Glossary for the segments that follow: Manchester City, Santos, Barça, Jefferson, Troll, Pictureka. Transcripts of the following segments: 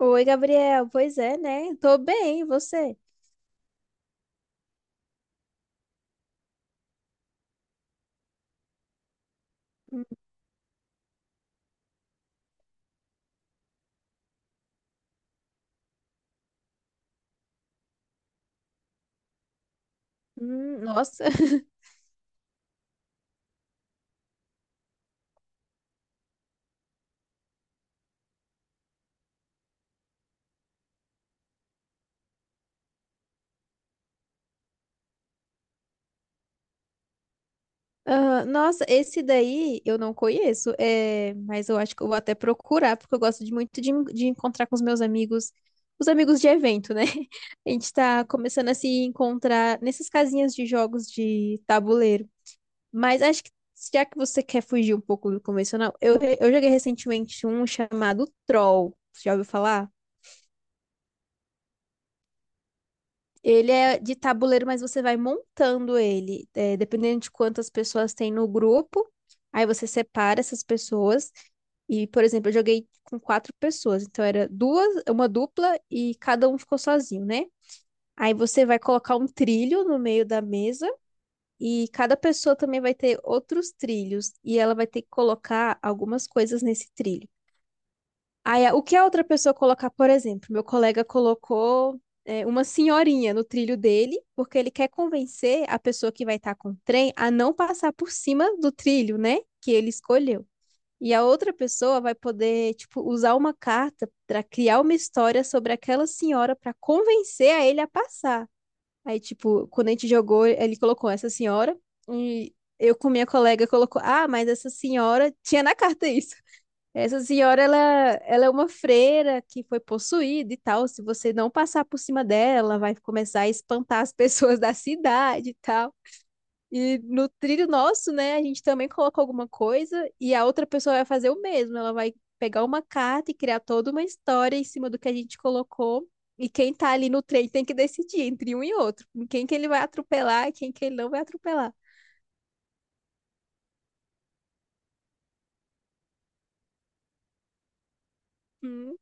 Oi, Gabriel. Pois é, né? Tô bem, e você? Nossa. Ah, nossa, esse daí eu não conheço, mas eu acho que eu vou até procurar, porque eu gosto de muito de encontrar com os meus amigos, os amigos de evento, né? A gente tá começando a se encontrar nessas casinhas de jogos de tabuleiro. Mas acho que já que você quer fugir um pouco do convencional, eu joguei recentemente um chamado Troll. Você já ouviu falar? Ele é de tabuleiro, mas você vai montando ele, dependendo de quantas pessoas tem no grupo. Aí você separa essas pessoas. E, por exemplo, eu joguei com quatro pessoas, então era duas, uma dupla e cada um ficou sozinho, né? Aí você vai colocar um trilho no meio da mesa e cada pessoa também vai ter outros trilhos e ela vai ter que colocar algumas coisas nesse trilho. Aí, o que a outra pessoa colocar, por exemplo, meu colega colocou uma senhorinha no trilho dele, porque ele quer convencer a pessoa que vai estar com o trem a não passar por cima do trilho, né, que ele escolheu. E a outra pessoa vai poder, tipo, usar uma carta para criar uma história sobre aquela senhora para convencer a ele a passar. Aí, tipo, quando a gente jogou, ele colocou essa senhora e eu com minha colega colocou, ah, mas essa senhora tinha na carta isso. Essa senhora, ela é uma freira que foi possuída e tal. Se você não passar por cima dela, vai começar a espantar as pessoas da cidade e tal. E no trilho nosso, né, a gente também coloca alguma coisa e a outra pessoa vai fazer o mesmo. Ela vai pegar uma carta e criar toda uma história em cima do que a gente colocou. E quem tá ali no trem tem que decidir entre um e outro. Quem que ele vai atropelar e quem que ele não vai atropelar. Hum.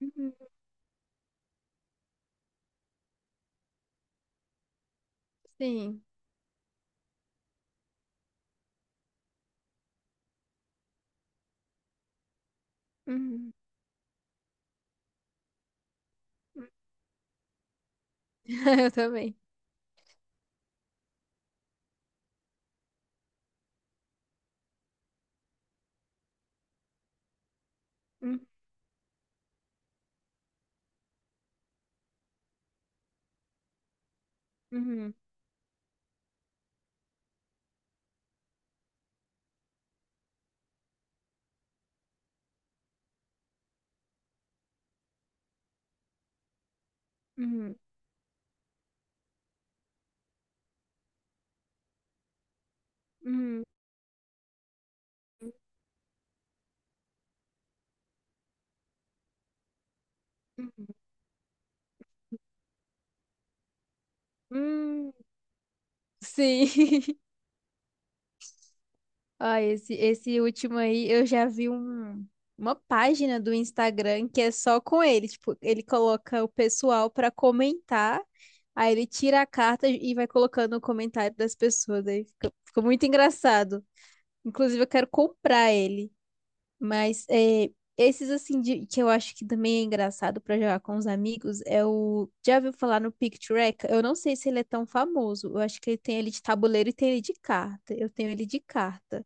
Uhum. Sim. Uhum. Eu também. Uhum. Uhum. Uhum, uhum, uhum, uhum. Sim. Ó, esse último aí, eu já vi um, uma página do Instagram que é só com ele. Tipo, ele coloca o pessoal pra comentar, aí ele tira a carta e vai colocando o comentário das pessoas. Aí fica muito engraçado. Inclusive, eu quero comprar ele. Mas é, que eu acho que também é engraçado pra jogar com os amigos é o. Já ouviu falar no Pictureka? Eu não sei se ele é tão famoso. Eu acho que ele tem ele de tabuleiro e tem ele de carta. Eu tenho ele de carta.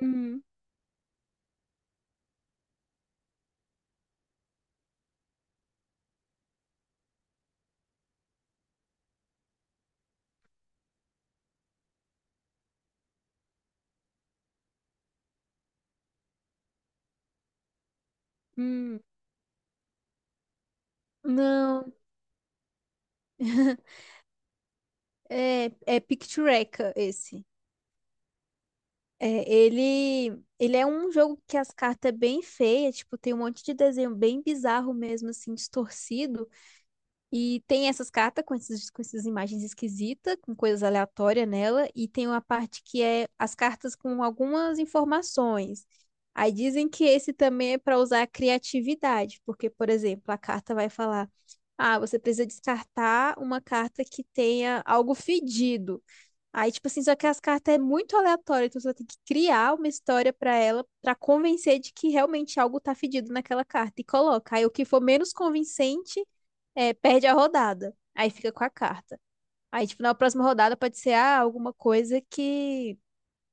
Hum, hum. Não. É, é Pictureka esse. É, ele é um jogo que as cartas é bem feias, tipo, tem um monte de desenho bem bizarro mesmo, assim, distorcido. E tem essas cartas com com essas imagens esquisitas, com coisas aleatórias nela, e tem uma parte que é as cartas com algumas informações. Aí dizem que esse também é para usar a criatividade, porque, por exemplo, a carta vai falar: ah, você precisa descartar uma carta que tenha algo fedido. Aí, tipo assim, só que as cartas é muito aleatório, então você tem que criar uma história pra ela pra convencer de que realmente algo tá fedido naquela carta e coloca. Aí o que for menos convincente perde a rodada. Aí fica com a carta. Aí, tipo, na próxima rodada pode ser ah, alguma coisa que,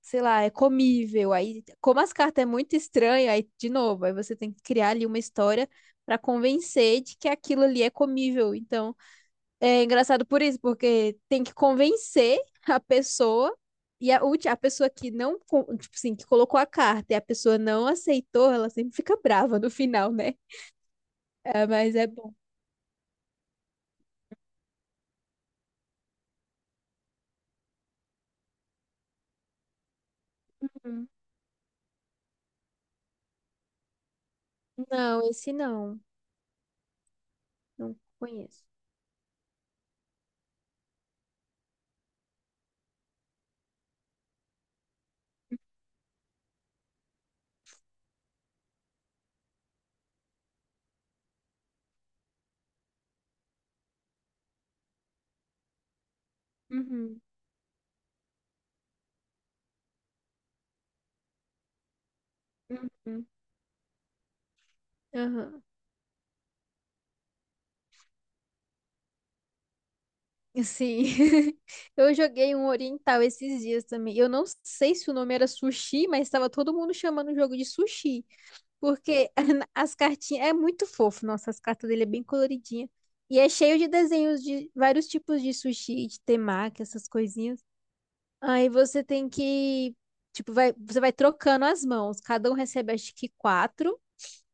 sei lá, é comível. Aí, como as cartas é muito estranha aí de novo, aí você tem que criar ali uma história pra convencer de que aquilo ali é comível. Então, é engraçado por isso, porque tem que convencer a pessoa e a pessoa que não, con- tipo assim, que colocou a carta e a pessoa não aceitou, ela sempre fica brava no final, né? Ah, mas é bom. Uhum. Não, esse não. Não conheço. Uhum. Uhum. Aham. Sim. Eu joguei um oriental esses dias também. Eu não sei se o nome era sushi, mas estava todo mundo chamando o jogo de sushi. Porque as cartinhas. É muito fofo, nossa, as cartas dele é bem coloridinha. E é cheio de desenhos de vários tipos de sushi, de temaki, essas coisinhas. Aí você tem que. Tipo, vai, você vai trocando as mãos. Cada um recebe, acho que quatro.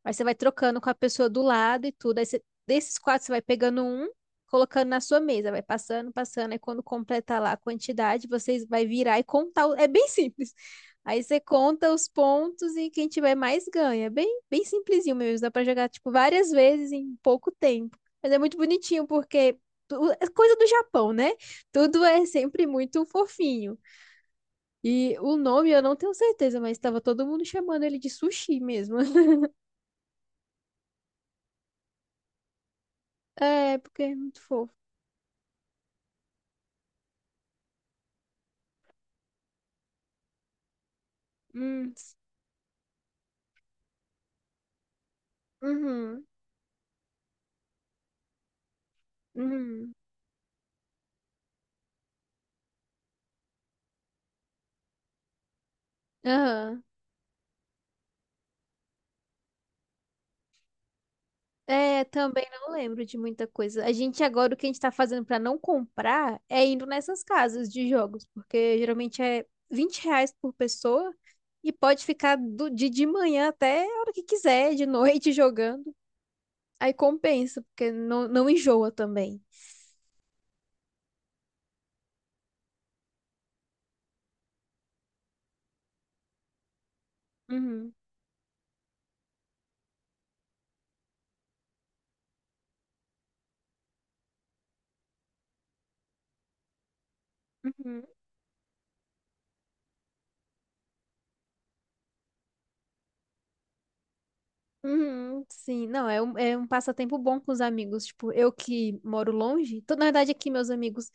Aí você vai trocando com a pessoa do lado e tudo. Desses quatro, você vai pegando um, colocando na sua mesa, vai passando, passando. Aí quando completar lá a quantidade, vocês vai virar e contar. É bem simples. Aí você conta os pontos e quem tiver mais ganha. É bem simplesinho mesmo. Dá pra jogar, tipo, várias vezes em pouco tempo. Mas é muito bonitinho porque é coisa do Japão, né? Tudo é sempre muito fofinho. E o nome eu não tenho certeza, mas estava todo mundo chamando ele de sushi mesmo. É, porque é muito fofo. Hum, uhum, uhum, aham. É, também não lembro de muita coisa. A gente agora, o que a gente tá fazendo pra não comprar é indo nessas casas de jogos, porque geralmente é R$ 20 por pessoa e pode ficar de manhã até a hora que quiser, de noite jogando. Aí compensa, porque não enjoa também. Uhum, uhum, uhum, sim, não, é um passatempo bom com os amigos. Tipo, eu que moro longe, tô, na verdade aqui meus amigos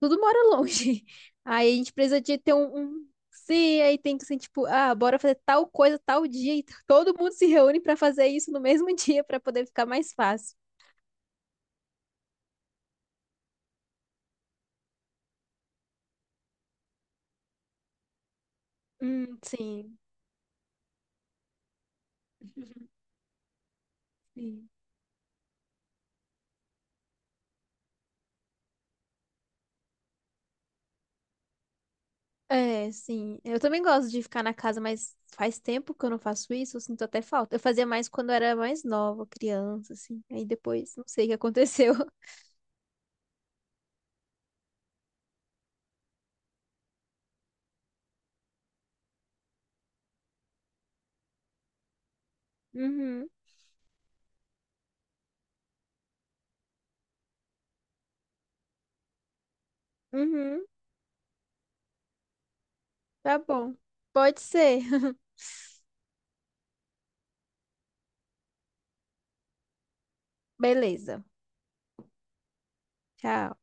tudo mora longe. Aí a gente precisa de ter um, um sim, aí tem que ser tipo, ah, bora fazer tal coisa tal dia. E todo mundo se reúne pra fazer isso no mesmo dia pra poder ficar mais fácil. Sim, sim. É, sim. Eu também gosto de ficar na casa, mas faz tempo que eu não faço isso, eu sinto até falta. Eu fazia mais quando eu era mais nova, criança, assim. Aí depois, não sei o que aconteceu. Uhum, uhum, tá bom. Pode ser. Beleza. Tchau.